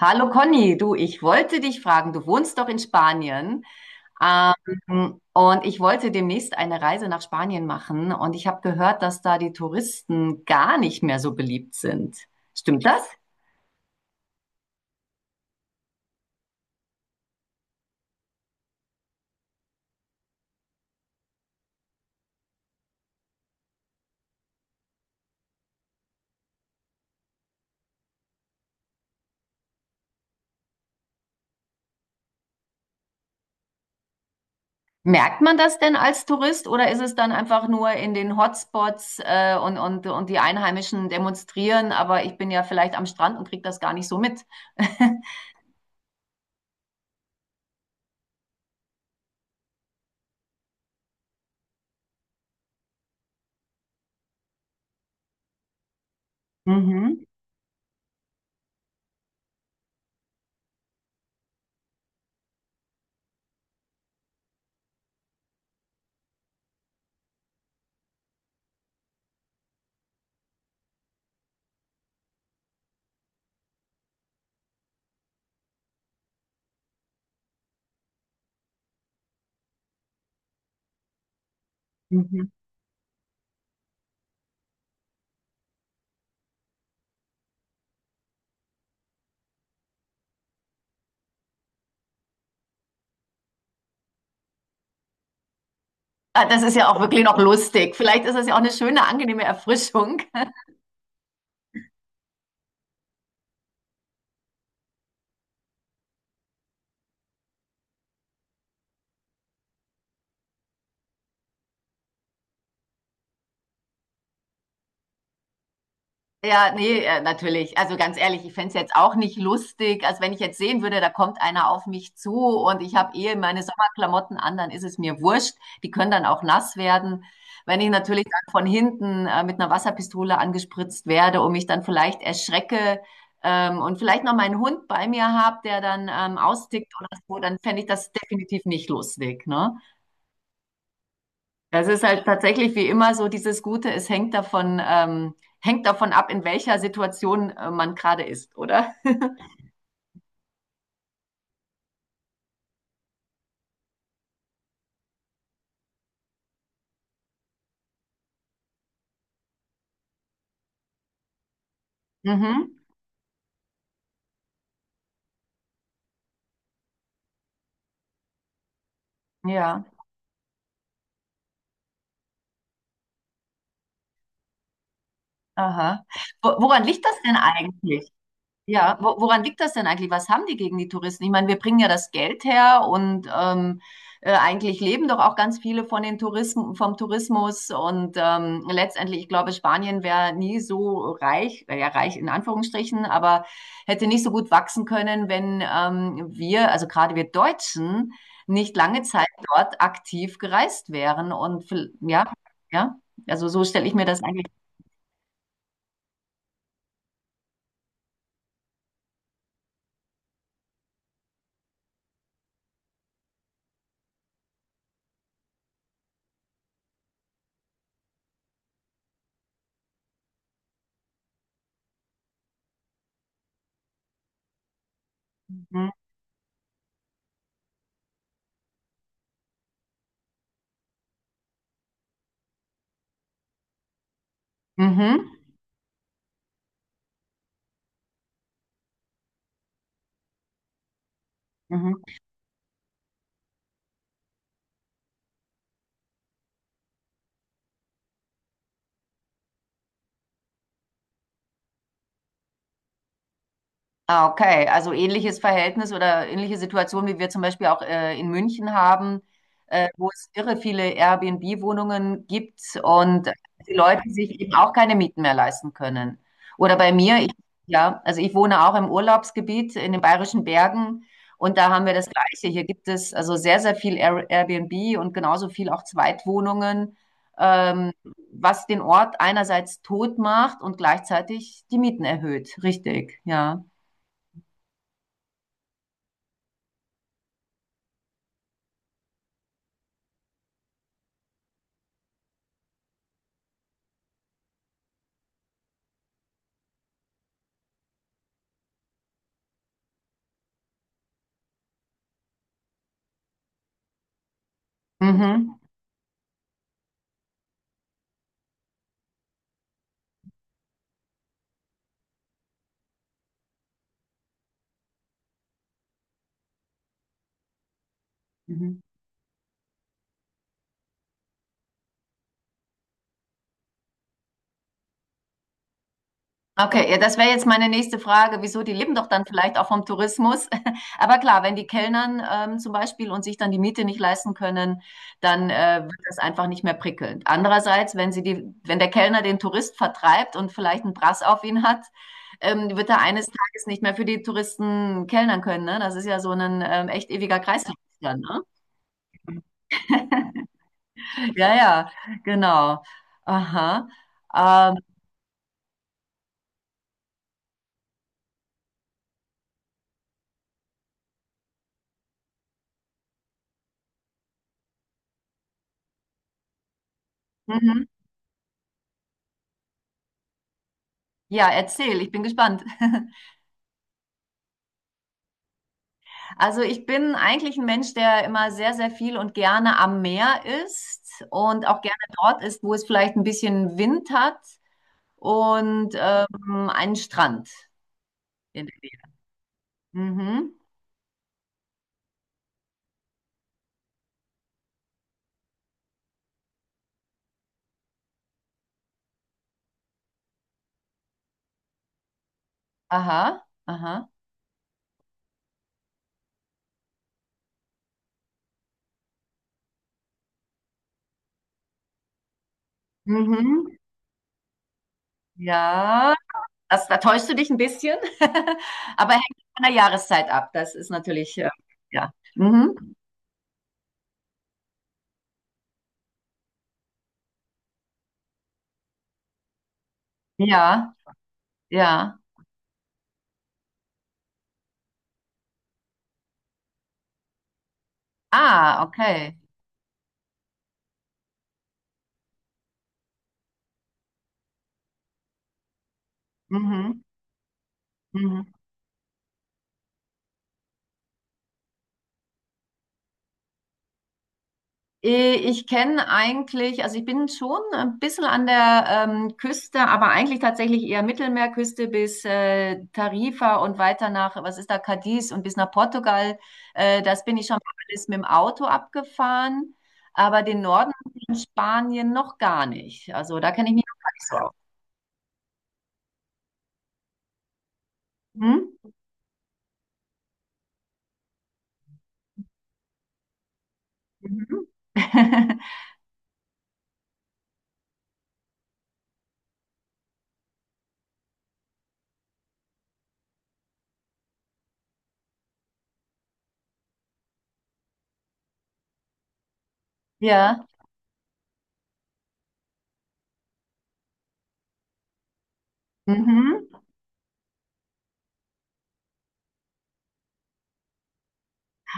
Hallo Conny, du, ich wollte dich fragen, du wohnst doch in Spanien, und ich wollte demnächst eine Reise nach Spanien machen und ich habe gehört, dass da die Touristen gar nicht mehr so beliebt sind. Stimmt das? Merkt man das denn als Tourist oder ist es dann einfach nur in den Hotspots, und die Einheimischen demonstrieren, aber ich bin ja vielleicht am Strand und kriege das gar nicht so mit? Mhm, mhm. Ah, das ist ja auch wirklich noch lustig. Vielleicht ist es ja auch eine schöne, angenehme Erfrischung. Ja, nee, natürlich. Also ganz ehrlich, ich fänd's jetzt auch nicht lustig. Also wenn ich jetzt sehen würde, da kommt einer auf mich zu und ich habe eh meine Sommerklamotten an, dann ist es mir wurscht. Die können dann auch nass werden. Wenn ich natürlich dann von hinten mit einer Wasserpistole angespritzt werde und mich dann vielleicht erschrecke und vielleicht noch meinen Hund bei mir habe, der dann austickt oder so, dann fänd ich das definitiv nicht lustig, ne? Das ist halt tatsächlich wie immer so dieses Gute, es hängt davon ab, in welcher Situation man gerade ist, oder? Mhm. Ja, aha. Wo, woran liegt das denn eigentlich? Ja, wo, woran liegt das denn eigentlich? Was haben die gegen die Touristen? Ich meine, wir bringen ja das Geld her und eigentlich leben doch auch ganz viele von den Touristen, vom Tourismus. Und letztendlich, ich glaube, Spanien wäre nie so reich, ja, reich in Anführungsstrichen, aber hätte nicht so gut wachsen können, wenn wir, also gerade wir Deutschen, nicht lange Zeit dort aktiv gereist wären. Und ja, ja, also so stelle ich mir das eigentlich. Mhm. Mhm. Mhm. Ah, okay. Also ähnliches Verhältnis oder ähnliche Situation, wie wir zum Beispiel auch in München haben, wo es irre viele Airbnb-Wohnungen gibt und die Leute sich eben auch keine Mieten mehr leisten können. Oder bei mir, ich, ja, also ich wohne auch im Urlaubsgebiet in den Bayerischen Bergen und da haben wir das Gleiche. Hier gibt es also sehr, sehr viel Airbnb und genauso viel auch Zweitwohnungen, ähm, was den Ort einerseits tot macht und gleichzeitig die Mieten erhöht. Richtig, ja. Mhm. Mhm. Okay, ja, das wäre jetzt meine nächste Frage. Wieso? Die leben doch dann vielleicht auch vom Tourismus. Aber klar, wenn die Kellnern zum Beispiel und sich dann die Miete nicht leisten können, dann wird das einfach nicht mehr prickelnd. Andererseits, wenn sie wenn der Kellner den Tourist vertreibt und vielleicht einen Brass auf ihn hat, wird er eines Tages nicht mehr für die Touristen kellnern können. Ne? Das ist ja so ein echt ewiger Kreislauf dann, ne? Ja, ja, genau. Aha. Ähm, mhm. Ja, erzähl, ich bin gespannt. Also ich bin eigentlich ein Mensch, der immer sehr, sehr viel und gerne am Meer ist und auch gerne dort ist, wo es vielleicht ein bisschen Wind hat und einen Strand in der Nähe. Mhm. Aha, aha. Mhm. Ja, das, da täuschst du dich ein bisschen, aber hängt von der Jahreszeit ab. Das ist natürlich, ja. Mhm. Ja, ja. Ah, okay. Mhm. Mhm. Ich kenne eigentlich, also ich bin schon ein bisschen an der Küste, aber eigentlich tatsächlich eher Mittelmeerküste bis Tarifa und weiter nach, was ist da, Cadiz und bis nach Portugal. Das bin ich schon mal alles mit dem Auto abgefahren, aber den Norden in Spanien noch gar nicht. Also da kenne ich mich noch gar nicht so aus. Hm? Mhm. Ja. Mhm.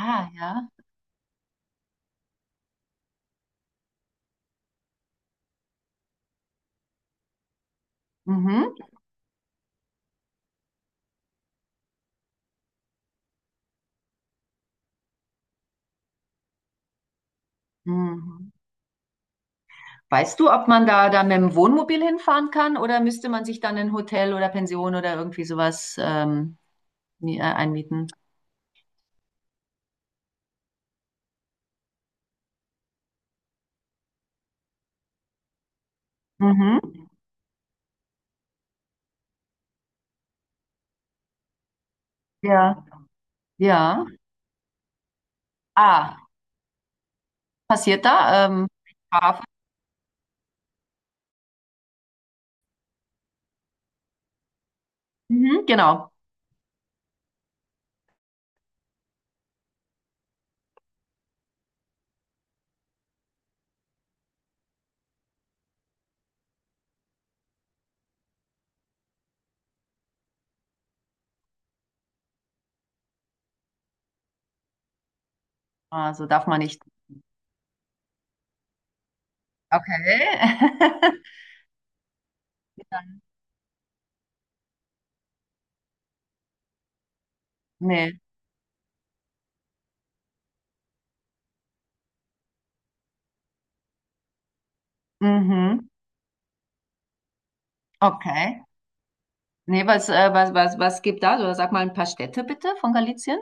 Ah, ja. Mhm. Mhm. Weißt du, ob man da mit dem Wohnmobil hinfahren kann oder müsste man sich dann ein Hotel oder Pension oder irgendwie sowas einmieten? Mhm. Ja. Ja. Ah, passiert da? Strafe? Mhm, genau. Also darf man nicht. Okay. Nee. Mhm. Okay. Nee, was, was gibt da so? Sag mal ein paar Städte bitte von Galicien.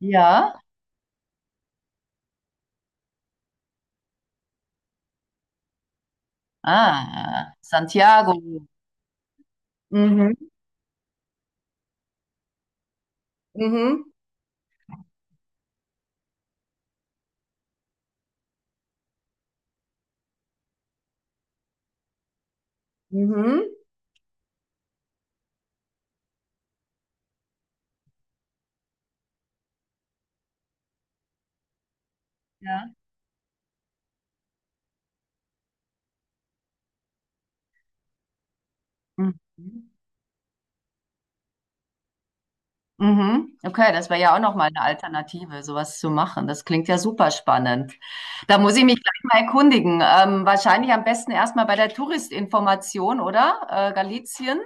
Ja. Ah, Santiago. Mhm. Mhm. Mhm. Ja. Mhm. Mhm. Okay, das wäre ja auch nochmal eine Alternative, sowas zu machen. Das klingt ja super spannend. Da muss ich mich gleich mal erkundigen. Wahrscheinlich am besten erstmal bei der Touristinformation, oder? Galizien,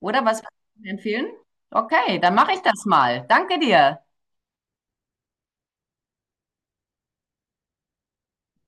oder was würdest du mir empfehlen? Okay, dann mache ich das mal. Danke dir.